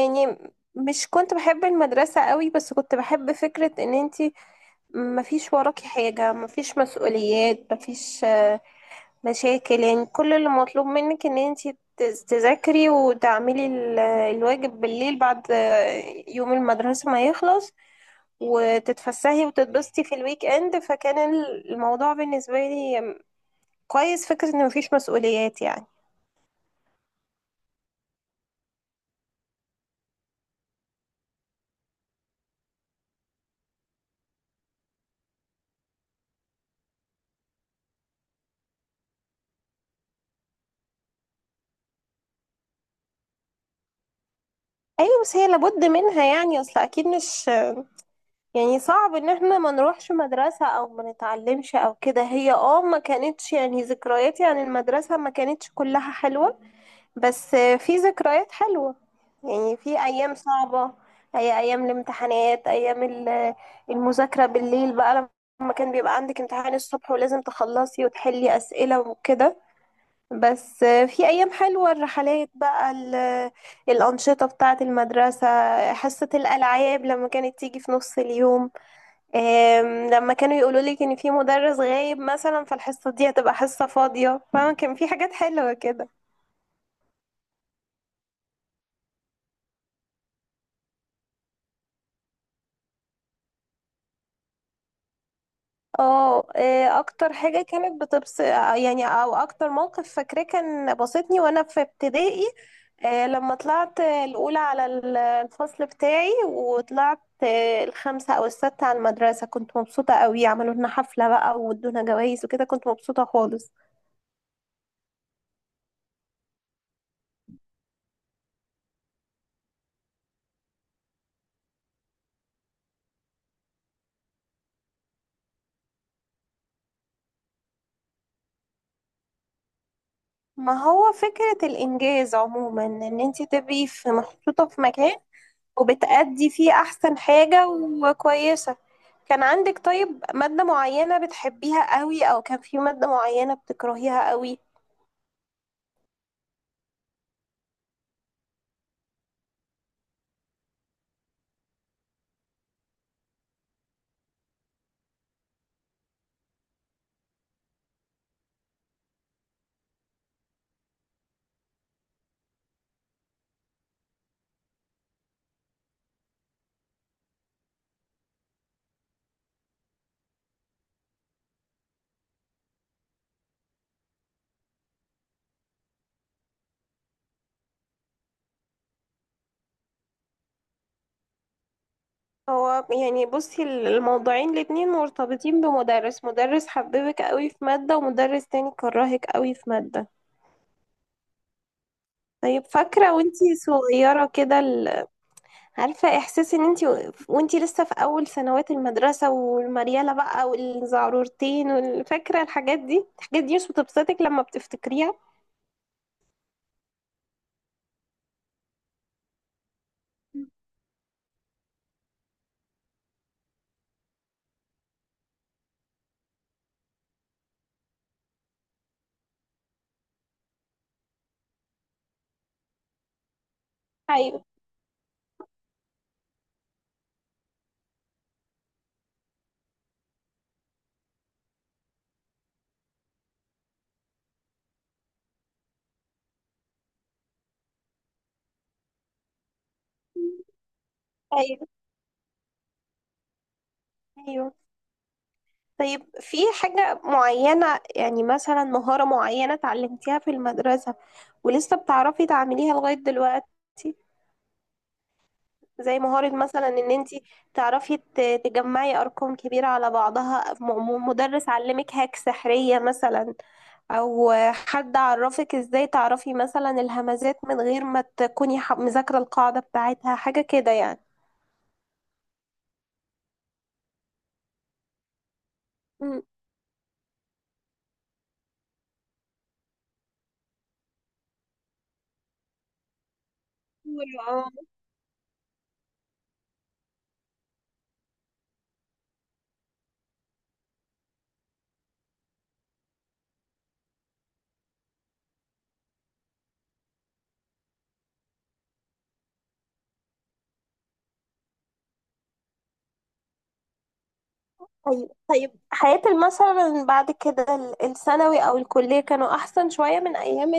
يعني مش كنت بحب المدرسة قوي، بس كنت بحب فكرة ان انتي مفيش وراكي حاجة، مفيش مسؤوليات، مفيش مشاكل. يعني كل اللي مطلوب منك ان انتي تذاكري وتعملي الواجب بالليل بعد يوم المدرسة ما يخلص، وتتفسحي وتتبسطي في الويك اند. فكان الموضوع بالنسبة لي كويس، فكرة ان مفيش مسؤوليات يعني. ايوه بس هي لابد منها يعني، اصل اكيد مش يعني صعب ان احنا ما نروحش مدرسة او ما نتعلمش او كده. هي اه ما كانتش يعني ذكرياتي عن المدرسة ما كانتش كلها حلوة، بس في ذكريات حلوة. يعني في ايام صعبة، هي ايام الامتحانات، ايام المذاكرة بالليل بقى، لما كان بيبقى عندك امتحان الصبح ولازم تخلصي وتحلي اسئلة وكده. بس في ايام حلوة، الرحلات بقى، الانشطة بتاعة المدرسة، حصة الالعاب لما كانت تيجي في نص اليوم. لما كانوا يقولوا لك ان في مدرس غايب مثلا فالحصه دي هتبقى حصه فاضيه، فاهمه؟ كان في حاجات حلوه كده. اه اكتر حاجه كانت بتبس يعني، او اكتر موقف فاكراه كان بسطني، وانا في ابتدائي لما طلعت الاولى على الفصل بتاعي، وطلعت الخامسه او السادسه على المدرسه، كنت مبسوطه قوي. عملوا لنا حفله بقى، وادونا جوائز وكده، كنت مبسوطه خالص. ما هو فكره الانجاز عموما، ان انت تبقي في محطوطه في مكان وبتأدي فيه أحسن حاجة وكويسة. كان عندك طيب مادة معينة بتحبيها قوي، أو كان في مادة معينة بتكرهيها قوي؟ هو يعني بصي الموضوعين الاتنين مرتبطين بمدرس، مدرس حببك قوي في مادة، ومدرس تاني كرهك قوي في مادة. طيب فاكرة وانتي صغيرة كده عارفة احساس ان وانتي لسه في اول سنوات المدرسة، والمريالة بقى، والزعرورتين، والفاكرة؟ الحاجات دي الحاجات دي مش بتبسطك لما بتفتكريها؟ ايوه، ايوه، ايوه. طيب في حاجة معينة يعني، مثلا مهارة معينة اتعلمتيها في المدرسة ولسه بتعرفي تعمليها لغاية دلوقتي؟ زي مهارة مثلا ان انتي تعرفي تجمعي ارقام كبيرة على بعضها، مدرس علمك هاك سحرية مثلا، او حد عرفك ازاي تعرفي مثلا الهمزات من غير ما تكوني مذاكرة القاعدة بتاعتها، حاجة كده يعني. مم. طيب طيب، حياة مثلا بعد كده الثانوي أو الكلية، كانوا أحسن شوية من أيام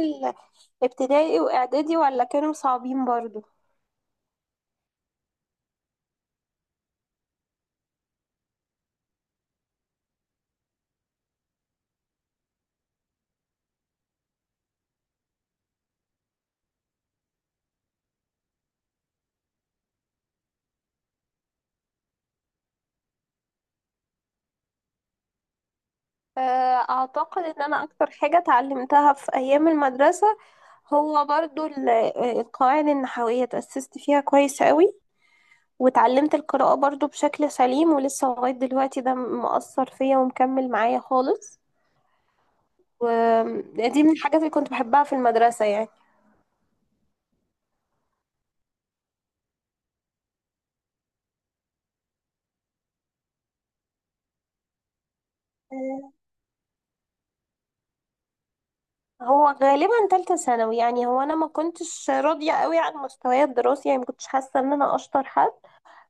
الابتدائي وإعدادي، ولا كانوا صعبين برضو؟ آه، أعتقد إن أنا أكتر حاجة اتعلمتها في أيام المدرسة هو برضو القواعد النحوية، تأسست فيها كويس قوي، وتعلمت القراءة برضو بشكل سليم، ولسه لغاية دلوقتي ده مؤثر فيا ومكمل معايا خالص. ودي من الحاجات اللي كنت بحبها في المدرسة يعني. آه، هو غالبا تالتة ثانوي يعني، هو انا ما كنتش راضية قوي عن مستواي الدراسي، يعني ما كنتش حاسة ان انا اشطر حد،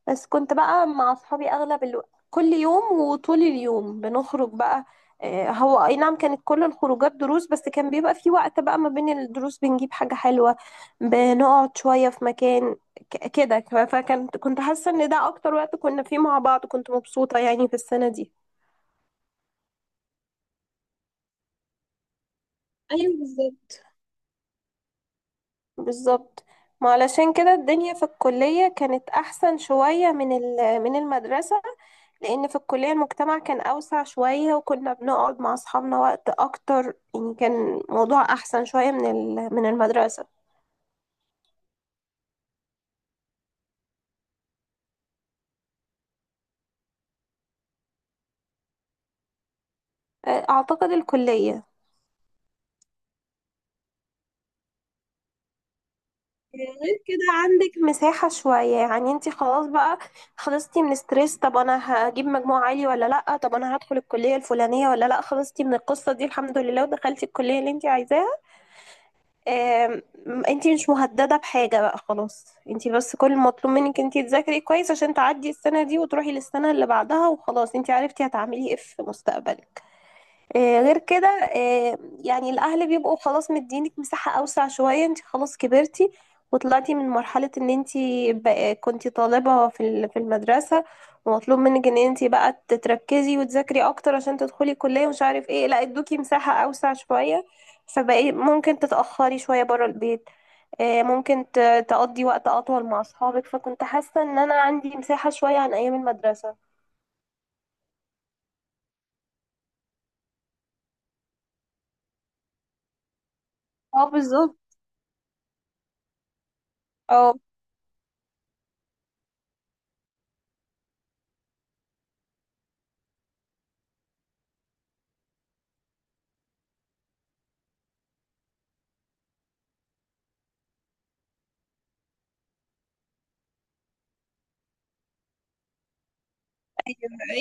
بس كنت بقى مع اصحابي اغلب الوقت، كل يوم وطول اليوم بنخرج بقى. هو اي نعم كانت كل الخروجات دروس، بس كان بيبقى في وقت بقى ما بين الدروس بنجيب حاجة حلوة، بنقعد شوية في مكان كده. فكنت حاسة ان ده اكتر وقت كنا فيه مع بعض، كنت مبسوطة يعني في السنة دي. ايوه بالظبط. بالظبط، ما علشان كده الدنيا في الكلية كانت أحسن شوية من من المدرسة، لأن في الكلية المجتمع كان أوسع شوية، وكنا بنقعد مع أصحابنا وقت أكتر، يعني كان موضوع أحسن شوية من من المدرسة. أعتقد الكلية. غير كده عندك مساحة شوية يعني، انتي خلاص بقى خلصتي من ستريس طب أنا هجيب مجموع عالي ولا لأ، طب أنا هدخل الكلية الفلانية ولا لأ، خلصتي من القصة دي الحمد لله، ودخلتي الكلية اللي انتي عايزاها. آم، انتي مش مهددة بحاجة بقى، خلاص انتي بس كل المطلوب منك انتي تذاكري كويس عشان تعدي السنة دي وتروحي للسنة اللي بعدها، وخلاص انتي عرفتي هتعملي ايه في مستقبلك. آه، غير كده آه، يعني الأهل بيبقوا خلاص مدينك مساحة أوسع شوية، انت خلاص كبرتي وطلعتي من مرحلة ان انت كنتي طالبة في في المدرسة، ومطلوب منك ان انت بقى تتركزي وتذاكري اكتر عشان تدخلي كلية ومش عارف ايه، لا ادوكي مساحة أوسع شوية، فبقي ممكن تتأخري شوية برا البيت. ممكن تقضي وقت أطول مع أصحابك، فكنت حاسة ان انا عندي مساحة شوية عن أيام المدرسة. اه بالظبط. اه،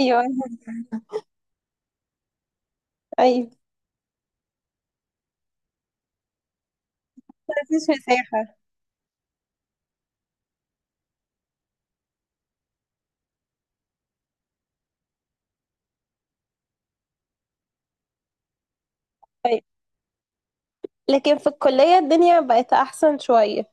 ايوه ايوه، مفيش مساحة. طيب لكن في الكلية الدنيا بقت أحسن شوية،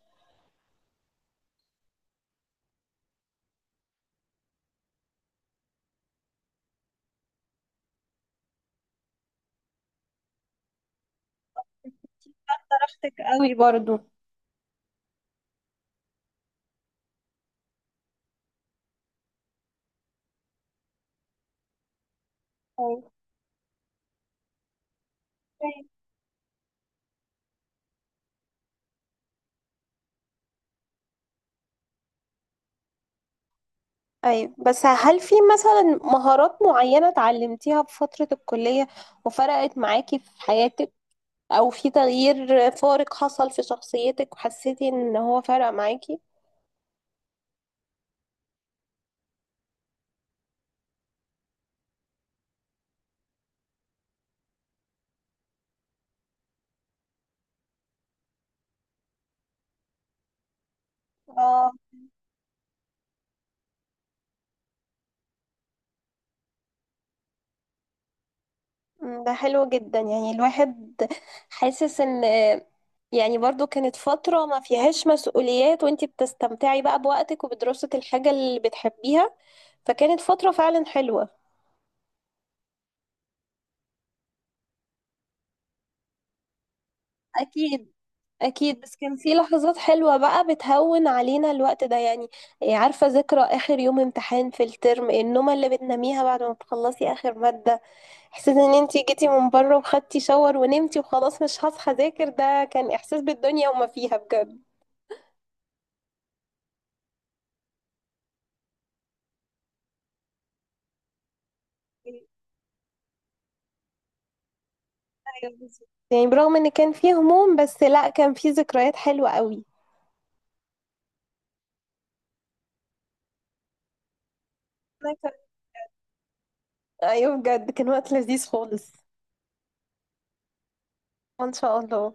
درجتك قوي برضو؟ أيوة أيوة. بس هل في مثلا مهارات معينة اتعلمتيها في فترة الكلية وفرقت معاكي في حياتك، أو في تغيير فارق حصل في شخصيتك وحسيتي إن هو فرق معاكي؟ اه أمم، ده حلو جدا، يعني الواحد حاسس إن يعني برضو كانت فترة ما فيهاش مسؤوليات، وانتي بتستمتعي بقى بوقتك وبدراسة الحاجة اللي بتحبيها، فكانت فترة فعلا حلوة. أكيد. أكيد، بس كان في لحظات حلوة بقى بتهون علينا الوقت ده يعني. إيه، عارفة ذكرى آخر يوم امتحان في الترم، النومة اللي بتناميها بعد ما بتخلصي آخر مادة، إحساس إن أنتي جيتي من بره وخدتي شاور ونمتي وخلاص مش هصحى أذاكر، ده كان إحساس بالدنيا وما فيها بجد. ايوه بالظبط، يعني برغم إن كان فيه هموم، بس لأ كان فيه ذكريات حلوة قوي. أنا كمان. أيوة بجد كان وقت لذيذ خالص. إن شاء الله.